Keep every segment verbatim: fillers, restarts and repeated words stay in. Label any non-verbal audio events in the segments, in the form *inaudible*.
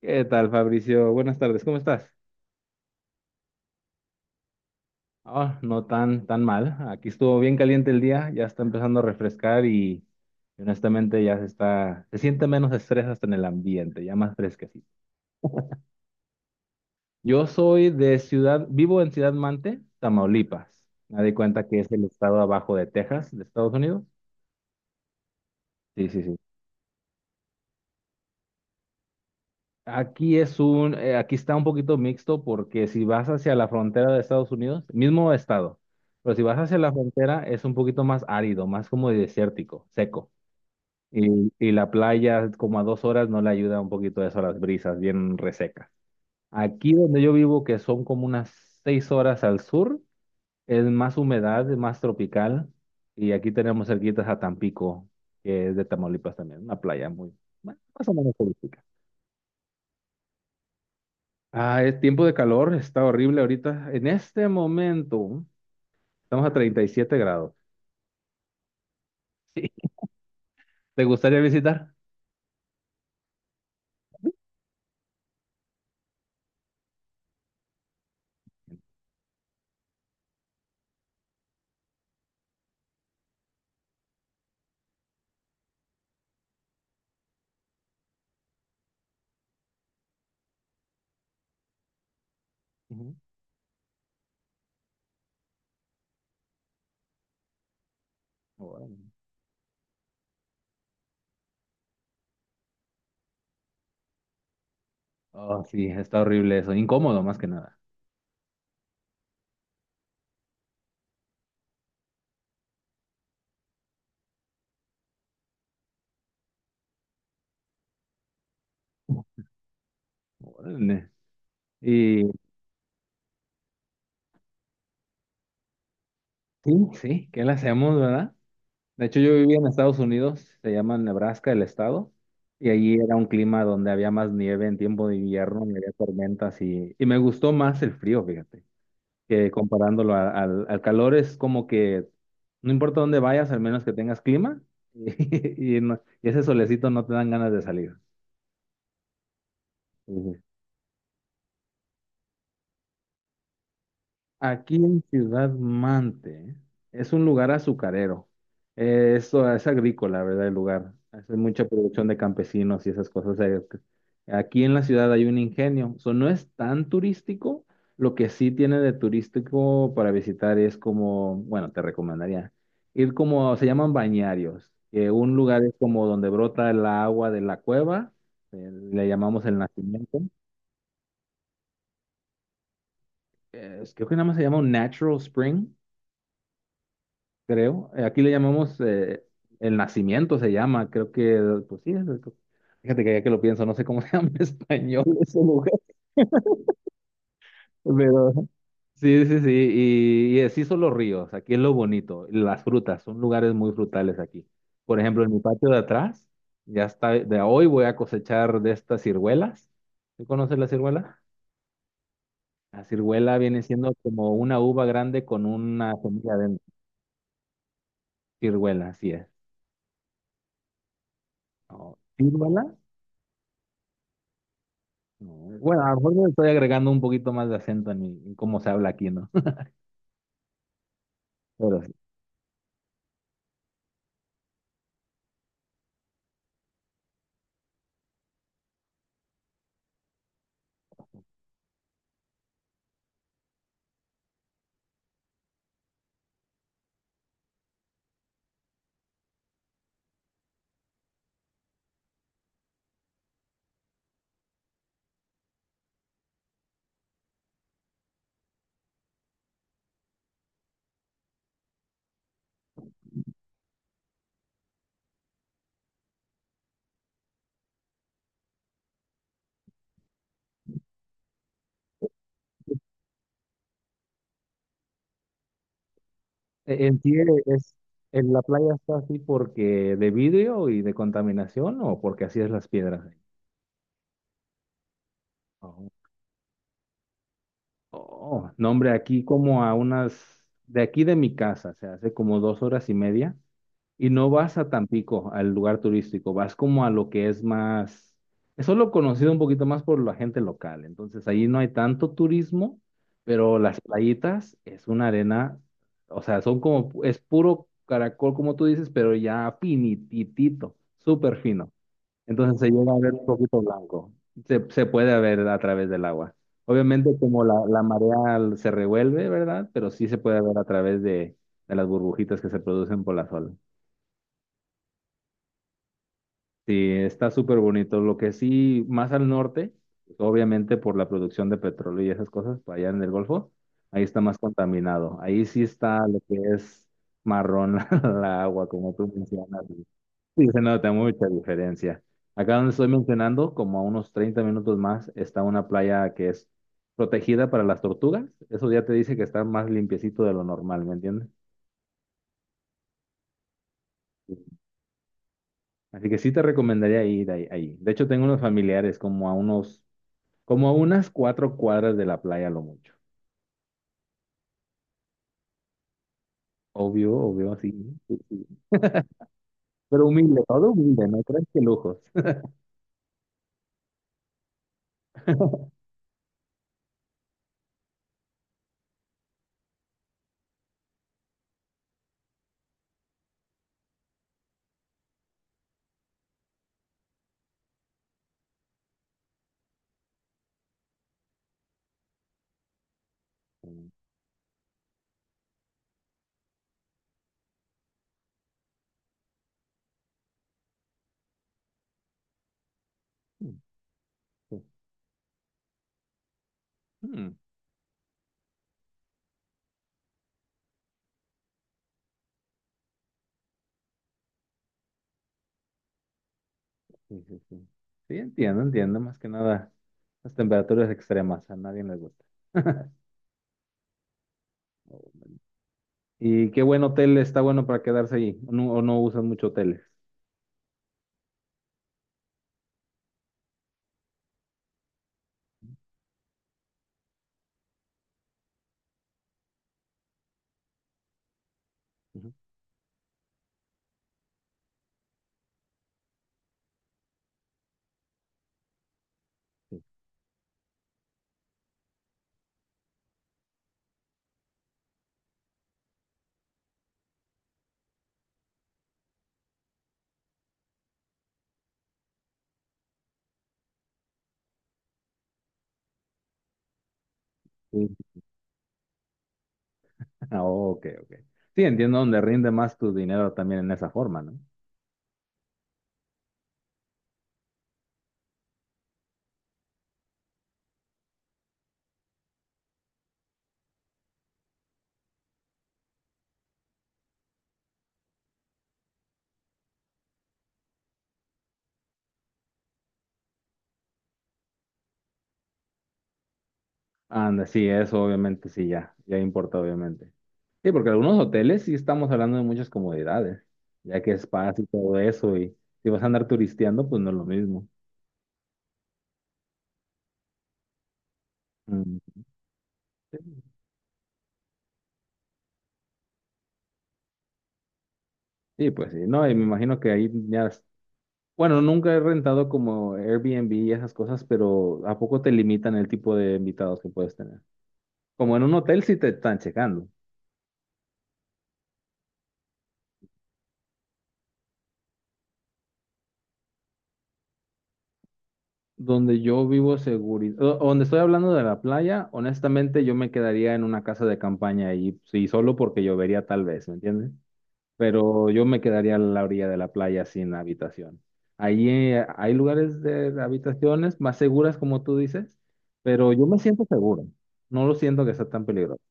¿Qué tal, Fabricio? Buenas tardes, ¿cómo estás? Ah, no tan, tan mal. Aquí estuvo bien caliente el día, ya está empezando a refrescar y, y honestamente ya se está, se siente menos estrés hasta en el ambiente, ya más fresquecito. Yo soy de ciudad, vivo en Ciudad Mante, Tamaulipas. Me di cuenta que es el estado abajo de Texas, de Estados Unidos. Sí, sí, sí. Aquí es un, eh, aquí está un poquito mixto porque si vas hacia la frontera de Estados Unidos, mismo estado, pero si vas hacia la frontera es un poquito más árido, más como desértico, seco. Y, y la playa como a dos horas no le ayuda un poquito eso a las brisas, bien resecas. Aquí donde yo vivo, que son como unas seis horas al sur, es más humedad, es más tropical. Y aquí tenemos cerquitas a Tampico, que es de Tamaulipas también, una playa muy, bueno, más o menos turística. Ah, es tiempo de calor, está horrible ahorita. En este momento estamos a treinta y siete grados. *laughs* Sí. ¿Te gustaría visitar? Ujú. Órale. Oh, sí, está horrible eso, incómodo más que nada. *laughs* Órale. Y sí, sí, ¿qué le hacemos, verdad? De hecho, yo vivía en Estados Unidos, se llama Nebraska el estado, y allí era un clima donde había más nieve en tiempo de invierno, y había tormentas y, y me gustó más el frío, fíjate, que comparándolo a- al, al calor es como que no importa dónde vayas, al menos que tengas clima *laughs* y, no- y ese solecito no te dan ganas de salir. Aquí en Ciudad Mante es un lugar azucarero. Eh, Eso es agrícola, ¿verdad? El lugar. Hace mucha producción de campesinos y esas cosas. Eh, Aquí en la ciudad hay un ingenio. O no es tan turístico. Lo que sí tiene de turístico para visitar es como, bueno, te recomendaría ir como, se llaman bañarios, que un lugar es como donde brota el agua de la cueva, eh, le llamamos el nacimiento. Eh, creo que nada más se llama un natural spring creo. Eh, Aquí le llamamos eh, el nacimiento, se llama, creo que, pues sí, es- fíjate que ya que lo pienso, no sé cómo *laughs* se llama en español ese lugar, pero sí, sí, sí, y, y así son los ríos, aquí es lo bonito, las frutas, son lugares muy frutales aquí. Por ejemplo, en mi patio de atrás, ya está, de hoy voy a cosechar de estas ciruelas. ¿Tú conoces la ciruela? La ciruela viene siendo como una uva grande con una semilla adentro. Ciruela, así es. Oh, ¿ciruela? No, bueno, a lo mejor le estoy agregando un poquito más de acento en, mi- en cómo se habla aquí, ¿no? *laughs* Pero sí. E- en sí es, en la playa está así porque de vidrio y de contaminación o porque así es las piedras. ¿Ahí? Oh, no, hombre, aquí como a unas, de aquí de mi casa, se hace como dos horas y media, y no vas a Tampico, al lugar turístico, vas como a lo que es más, es solo conocido un poquito más por la gente local, entonces ahí no hay tanto turismo, pero las playitas es una arena, o sea, son como, es puro caracol como tú dices, pero ya finititito, súper fino. Entonces se llega a ver un poquito blanco. Se, se puede ver a través del agua. Obviamente como la, la marea se revuelve, ¿verdad? Pero sí se puede ver a través de, de las burbujitas que se producen por la sol. Sí, está súper bonito. Lo que sí, más al norte, pues, obviamente por la producción de petróleo y esas cosas, pues, allá en el Golfo, ahí está más contaminado. Ahí sí está lo que es marrón *laughs* la agua, como tú mencionas. Sí, se nota mucha diferencia. Acá donde estoy mencionando, como a unos treinta minutos más, está una playa que es protegida para las tortugas. Eso ya te dice que está más limpiecito de lo normal, ¿me entiendes? Sí. Así que sí te recomendaría ir ahí, ahí. De hecho, tengo unos familiares como a unos, como a unas cuatro cuadras de la playa, a lo mucho. Obvio, obvio, así, ¿no? Sí, sí. Pero humilde, todo humilde, no crees que lujos. *laughs* Mm, sí. Sí, sí, sí. Sí, entiendo, entiendo, más que nada las temperaturas extremas, a nadie les gusta. *laughs* ¿Y qué buen hotel está bueno para quedarse ahí? ¿O no, o no usan mucho hoteles? Ujú. Sí. Sí. *laughs* Ah, ok, ok. Sí, entiendo donde rinde más tu dinero también en esa forma, ¿no? Anda, sí, eso obviamente sí, ya, ya importa, obviamente. Sí, porque algunos hoteles sí estamos hablando de muchas comodidades, ya que spas y todo eso, y si vas a andar turisteando, pues no es lo mismo. Mm. Sí, pues sí, no, y me imagino que ahí ya bueno, nunca he rentado como Airbnb y esas cosas, pero ¿a poco te limitan el tipo de invitados que puedes tener? Como en un hotel sí te están checando. Donde yo vivo seguridad, donde estoy hablando de la playa, honestamente yo me quedaría en una casa de campaña ahí, sí, solo porque llovería tal vez, ¿me entiendes? Pero yo me quedaría a la orilla de la playa sin habitación. Ahí eh, hay lugares de habitaciones más seguras, como tú dices, pero yo me siento seguro. No lo siento que sea tan peligroso.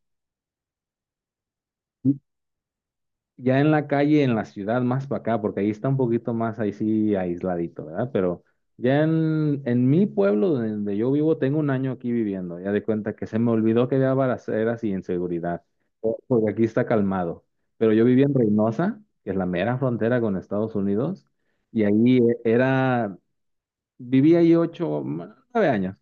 Ya en la calle, en la ciudad, más para acá, porque ahí está un poquito más ahí sí aisladito, ¿verdad? Pero ya en, en mi pueblo donde yo vivo, tengo un año aquí viviendo. Ya de cuenta que se me olvidó que había balaceras y inseguridad, o- porque aquí está calmado. Pero yo vivía en Reynosa, que es la mera frontera con Estados Unidos, y ahí e- era viví ahí ocho, ma- nueve años.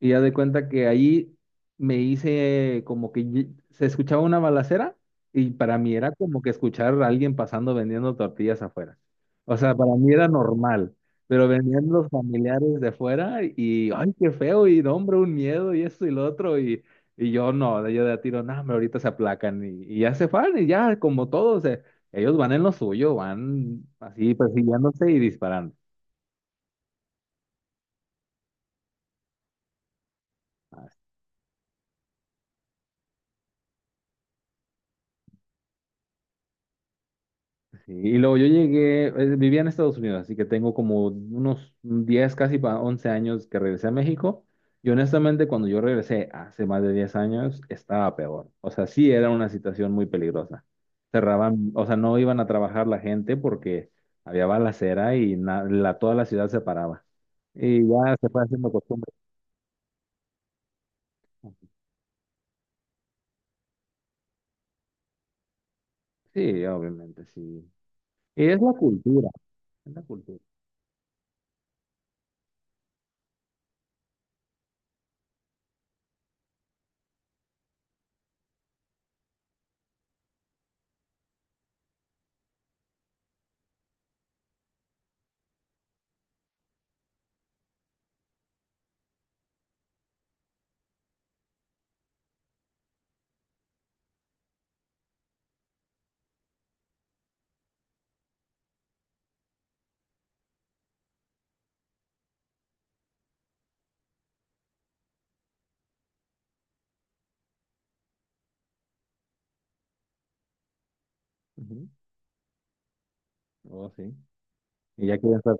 Y ya de cuenta que allí me hice como que ye- se escuchaba una balacera y para mí era como que escuchar a alguien pasando vendiendo tortillas afuera. O sea, para mí era normal, pero venían los familiares de afuera y, ay, qué feo, y no, hombre, un miedo y esto y lo otro. Y, y yo no, yo de a tiro, no, hombre, ahorita se aplacan y, y ya se van y ya como todos, eh, ellos van en lo suyo, van así persiguiéndose y disparando. Sí, y luego yo llegué, eh, vivía en Estados Unidos, así que tengo como unos diez casi pa- once años que regresé a México. Y honestamente, cuando yo regresé hace más de diez años, estaba peor. O sea, sí era una situación muy peligrosa. Cerraban, o sea, no iban a trabajar la gente porque había balacera y na- la, toda la ciudad se paraba. Y ya se fue haciendo costumbre. Sí, obviamente, sí. Y es la cultura, es la cultura. Ujú. Oh, sí. Y ya quieren estar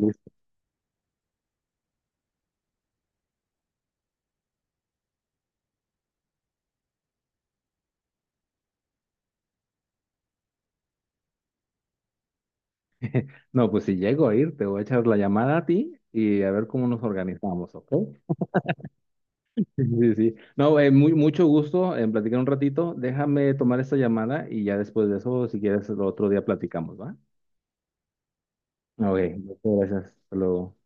no, pues si llego a ir, te voy a echar la llamada a ti y a ver cómo nos organizamos, ¿ok? *laughs* Sí, sí, sí. No, eh, muy, mucho gusto en platicar un ratito. Déjame tomar esta llamada y ya después de eso, si quieres, el otro día platicamos, ¿va? Ok, muchas gracias. Hasta luego.